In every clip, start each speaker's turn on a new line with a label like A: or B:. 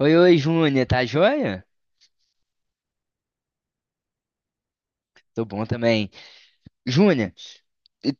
A: Oi, oi, Júnia, tá joia? Tô bom também. Júnia, e-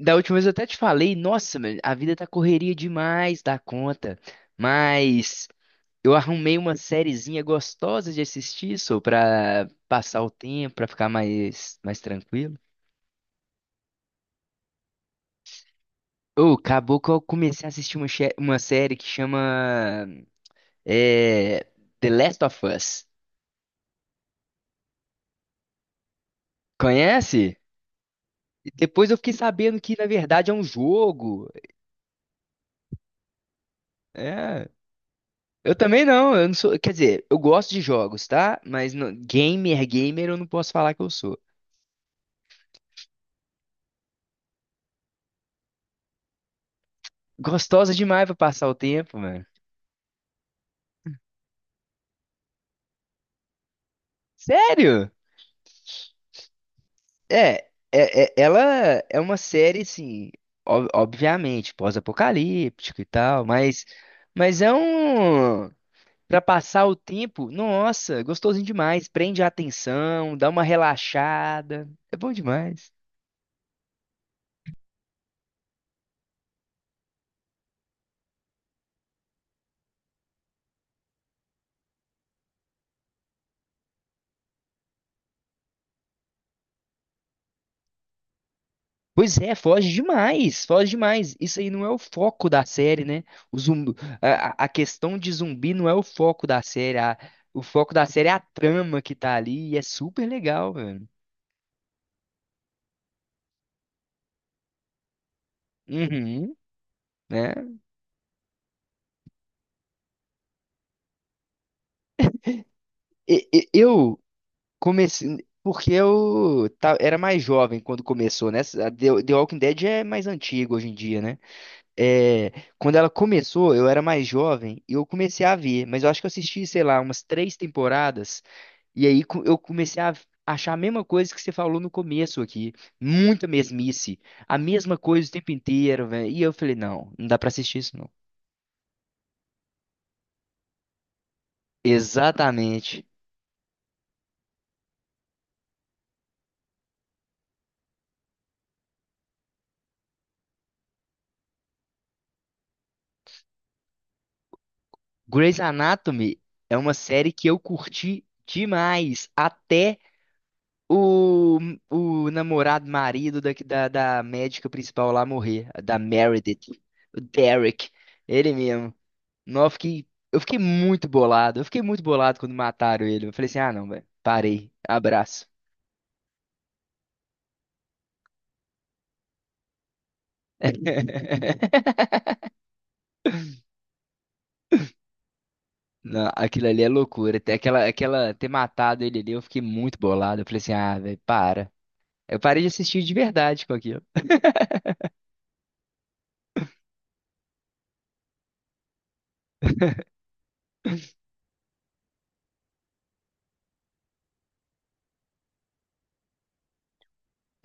A: da última vez eu até te falei, nossa, meu, a vida tá correria demais da conta, mas eu arrumei uma sériezinha gostosa de assistir, só pra passar o tempo, pra ficar mais tranquilo. Ô, acabou que eu comecei a assistir uma série que chama é, The Last of Us. Conhece? E depois eu fiquei sabendo que, na verdade, é um jogo. É. Eu também não, eu não sou. Quer dizer, eu gosto de jogos, tá? Gamer, gamer, eu não posso falar que eu sou. Gostosa demais pra passar o tempo, mano. Sério? Ela é uma série, assim, obviamente, pós-apocalíptico e tal, mas é um. Pra passar o tempo, nossa, gostosinho demais. Prende a atenção, dá uma relaxada. É bom demais. Pois é, foge demais, foge demais. Isso aí não é o foco da série, né? O zumbi, a questão de zumbi não é o foco da série. O foco da série é a trama que tá ali e é super legal, velho. Uhum, né? Eu comecei porque era mais jovem quando começou, né? A The Walking Dead é mais antigo hoje em dia, né? É, quando ela começou, eu era mais jovem e eu comecei a ver, mas eu acho que eu assisti, sei lá, umas três temporadas, e eu comecei a achar a mesma coisa que você falou no começo aqui, muita mesmice, a mesma coisa o tempo inteiro, velho. E eu falei, não, não dá pra assistir isso não. Exatamente. Grey's Anatomy é uma série que eu curti demais, até O, o namorado, marido da médica principal lá morrer, da Meredith, o Derek, ele mesmo. Não, eu fiquei muito bolado, eu fiquei muito bolado quando mataram ele. Eu falei assim, ah não, velho, parei, abraço. Não, aquilo ali é loucura. Ter matado ele ali, eu fiquei muito bolado. Eu falei assim, ah, velho, para. Eu parei de assistir de verdade com aquilo.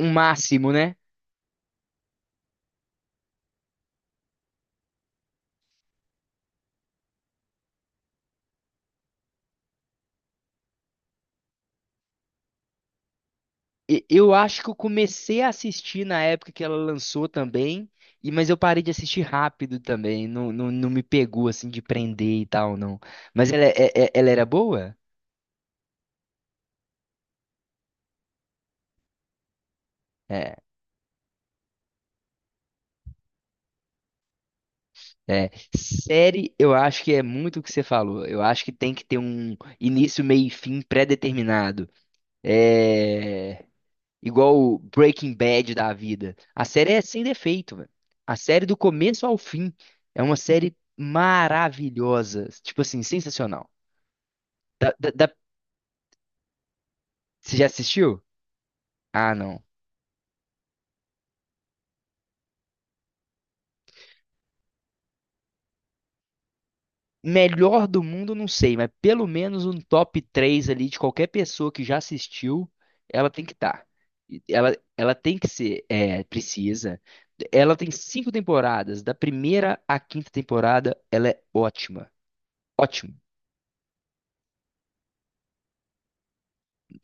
A: Um máximo, né? Eu acho que eu comecei a assistir na época que ela lançou também, e mas eu parei de assistir rápido também, não, não, não me pegou assim de prender e tal, não. Mas ela, é, ela era boa? É, é. Série, eu acho que é muito o que você falou. Eu acho que tem que ter um início, meio e fim pré-determinado. É igual o Breaking Bad da vida. A série é sem defeito, velho. A série do começo ao fim é uma série maravilhosa, tipo assim, sensacional. Da, da- da- Você já assistiu? Ah, não. Melhor do mundo, não sei, mas pelo menos um top 3 ali de qualquer pessoa que já assistiu, ela tem que estar. Ela tem que ser, é, precisa. Ela tem cinco temporadas, da primeira à quinta temporada, ela é ótima. Ótimo.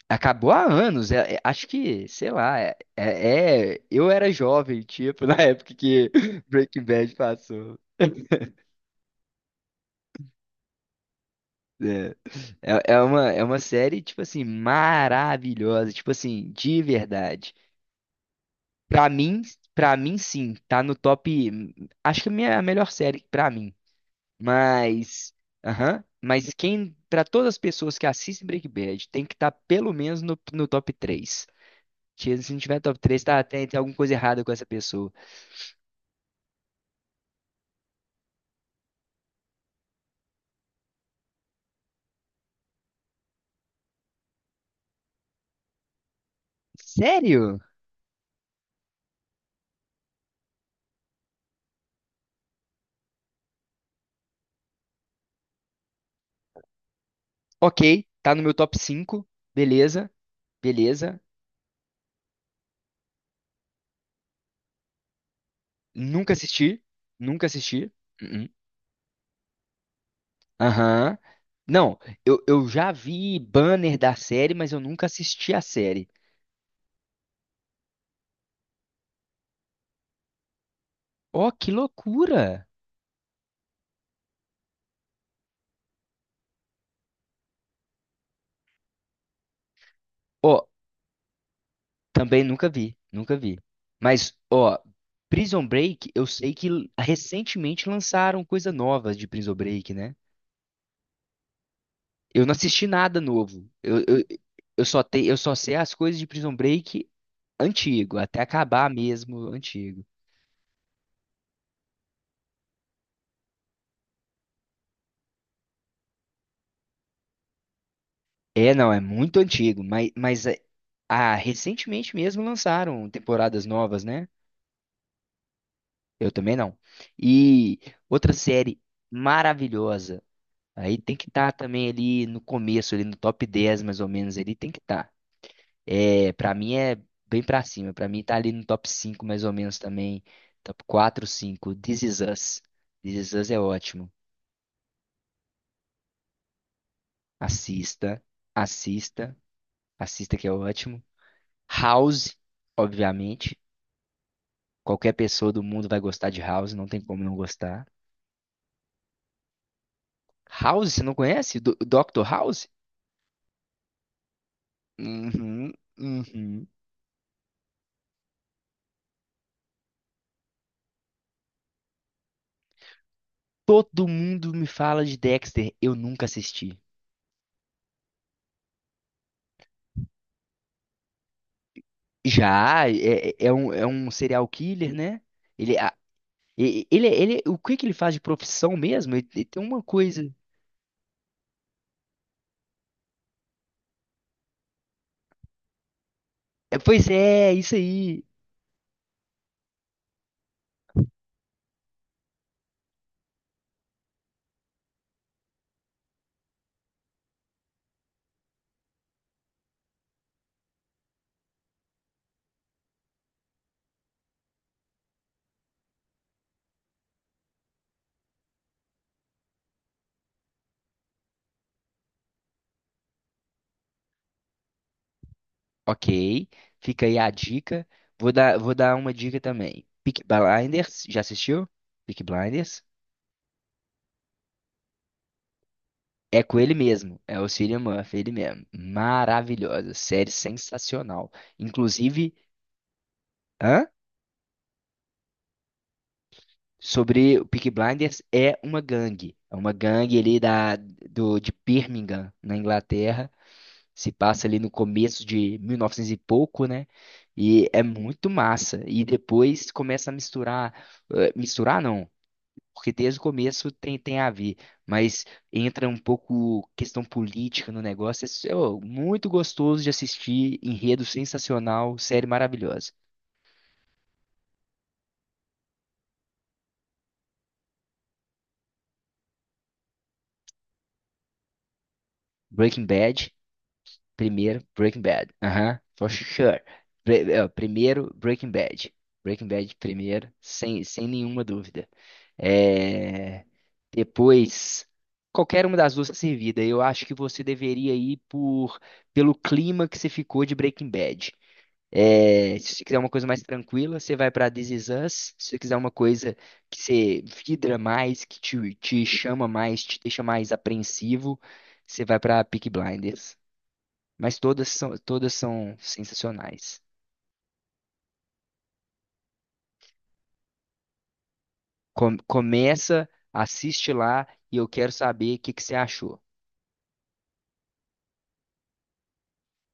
A: Acabou há anos, acho que, sei lá, eu era jovem, tipo, na época que Breaking Bad passou. É, é é uma série, tipo assim, maravilhosa, tipo assim, de verdade. Pra mim, pra mim sim, tá no top, acho que a minha a melhor série pra mim. Mas, aham, mas quem, pra todas as pessoas que assistem Breaking Bad, tem que estar tá pelo menos no top 3. Se não tiver top 3, tá, tem, tem alguma coisa errada com essa pessoa. Sério? Ok, tá no meu top cinco. Beleza, beleza. Nunca assisti, nunca assisti. Uh-uh. Aham. Não, eu já vi banner da série, mas eu nunca assisti a série. Ó, que loucura! Ó, também nunca vi, nunca vi. Mas, ó, Prison Break, eu sei que recentemente lançaram coisa nova de Prison Break, né? Eu não assisti nada novo. Eu só te, eu só sei as coisas de Prison Break antigo, até acabar mesmo antigo. É, não, é muito antigo, mas ah, recentemente mesmo lançaram temporadas novas, né? Eu também não. E outra série maravilhosa. Aí tem que estar também ali no começo, ali no top 10 mais ou menos, ali tem que estar. É, para mim é bem pra cima. Pra mim tá ali no top 5 mais ou menos também. Top 4, 5. This Is Us. This Is Us é ótimo. Assista, assista, assista que é ótimo. House, obviamente. Qualquer pessoa do mundo vai gostar de House, não tem como não gostar. House, você não conhece? Do Dr. House? Uhum, uhum. Todo mundo me fala de Dexter, eu nunca assisti. Já, é, é é um serial killer, né? Ele, ele, ele, o que que ele faz de profissão mesmo? Ele tem uma coisa. É, pois é, é isso aí. Ok, fica aí a dica. Vou dar uma dica também. Peaky Blinders, já assistiu? Peaky Blinders? É com ele mesmo, é o Cillian Murphy, ele mesmo. Maravilhosa, série sensacional. Inclusive, hã? Sobre o Peaky Blinders é uma gangue. É uma gangue ali de Birmingham, na Inglaterra. Se passa ali no começo de 1900 e novecentos e pouco, né? E é muito massa. E depois começa a misturar. Misturar não, porque desde o começo tem, tem a ver. Mas entra um pouco questão política no negócio. É, ô, muito gostoso de assistir. Enredo sensacional, série maravilhosa. Breaking Bad. Primeiro, Breaking Bad. Aham, for sure. Primeiro, Breaking Bad. Breaking Bad primeiro, sem, sem nenhuma dúvida. É, depois, qualquer uma das duas tá servida. Eu acho que você deveria ir por pelo clima que você ficou de Breaking Bad. É, se você quiser uma coisa mais tranquila, você vai para This Is Us. Se você quiser uma coisa que você vidra mais, te chama mais, te deixa mais apreensivo, você vai para Peaky Blinders. Mas todas são sensacionais. Começa, assiste lá e eu quero saber o que que você achou.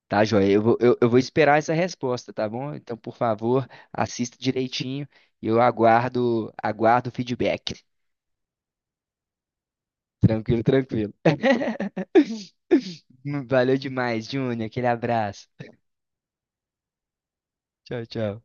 A: Tá, joia? Eu vou esperar essa resposta, tá bom? Então, por favor, assista direitinho e eu aguardo, aguardo o feedback. Tranquilo, tranquilo. Valeu demais, Júnior. Aquele abraço. Tchau, tchau.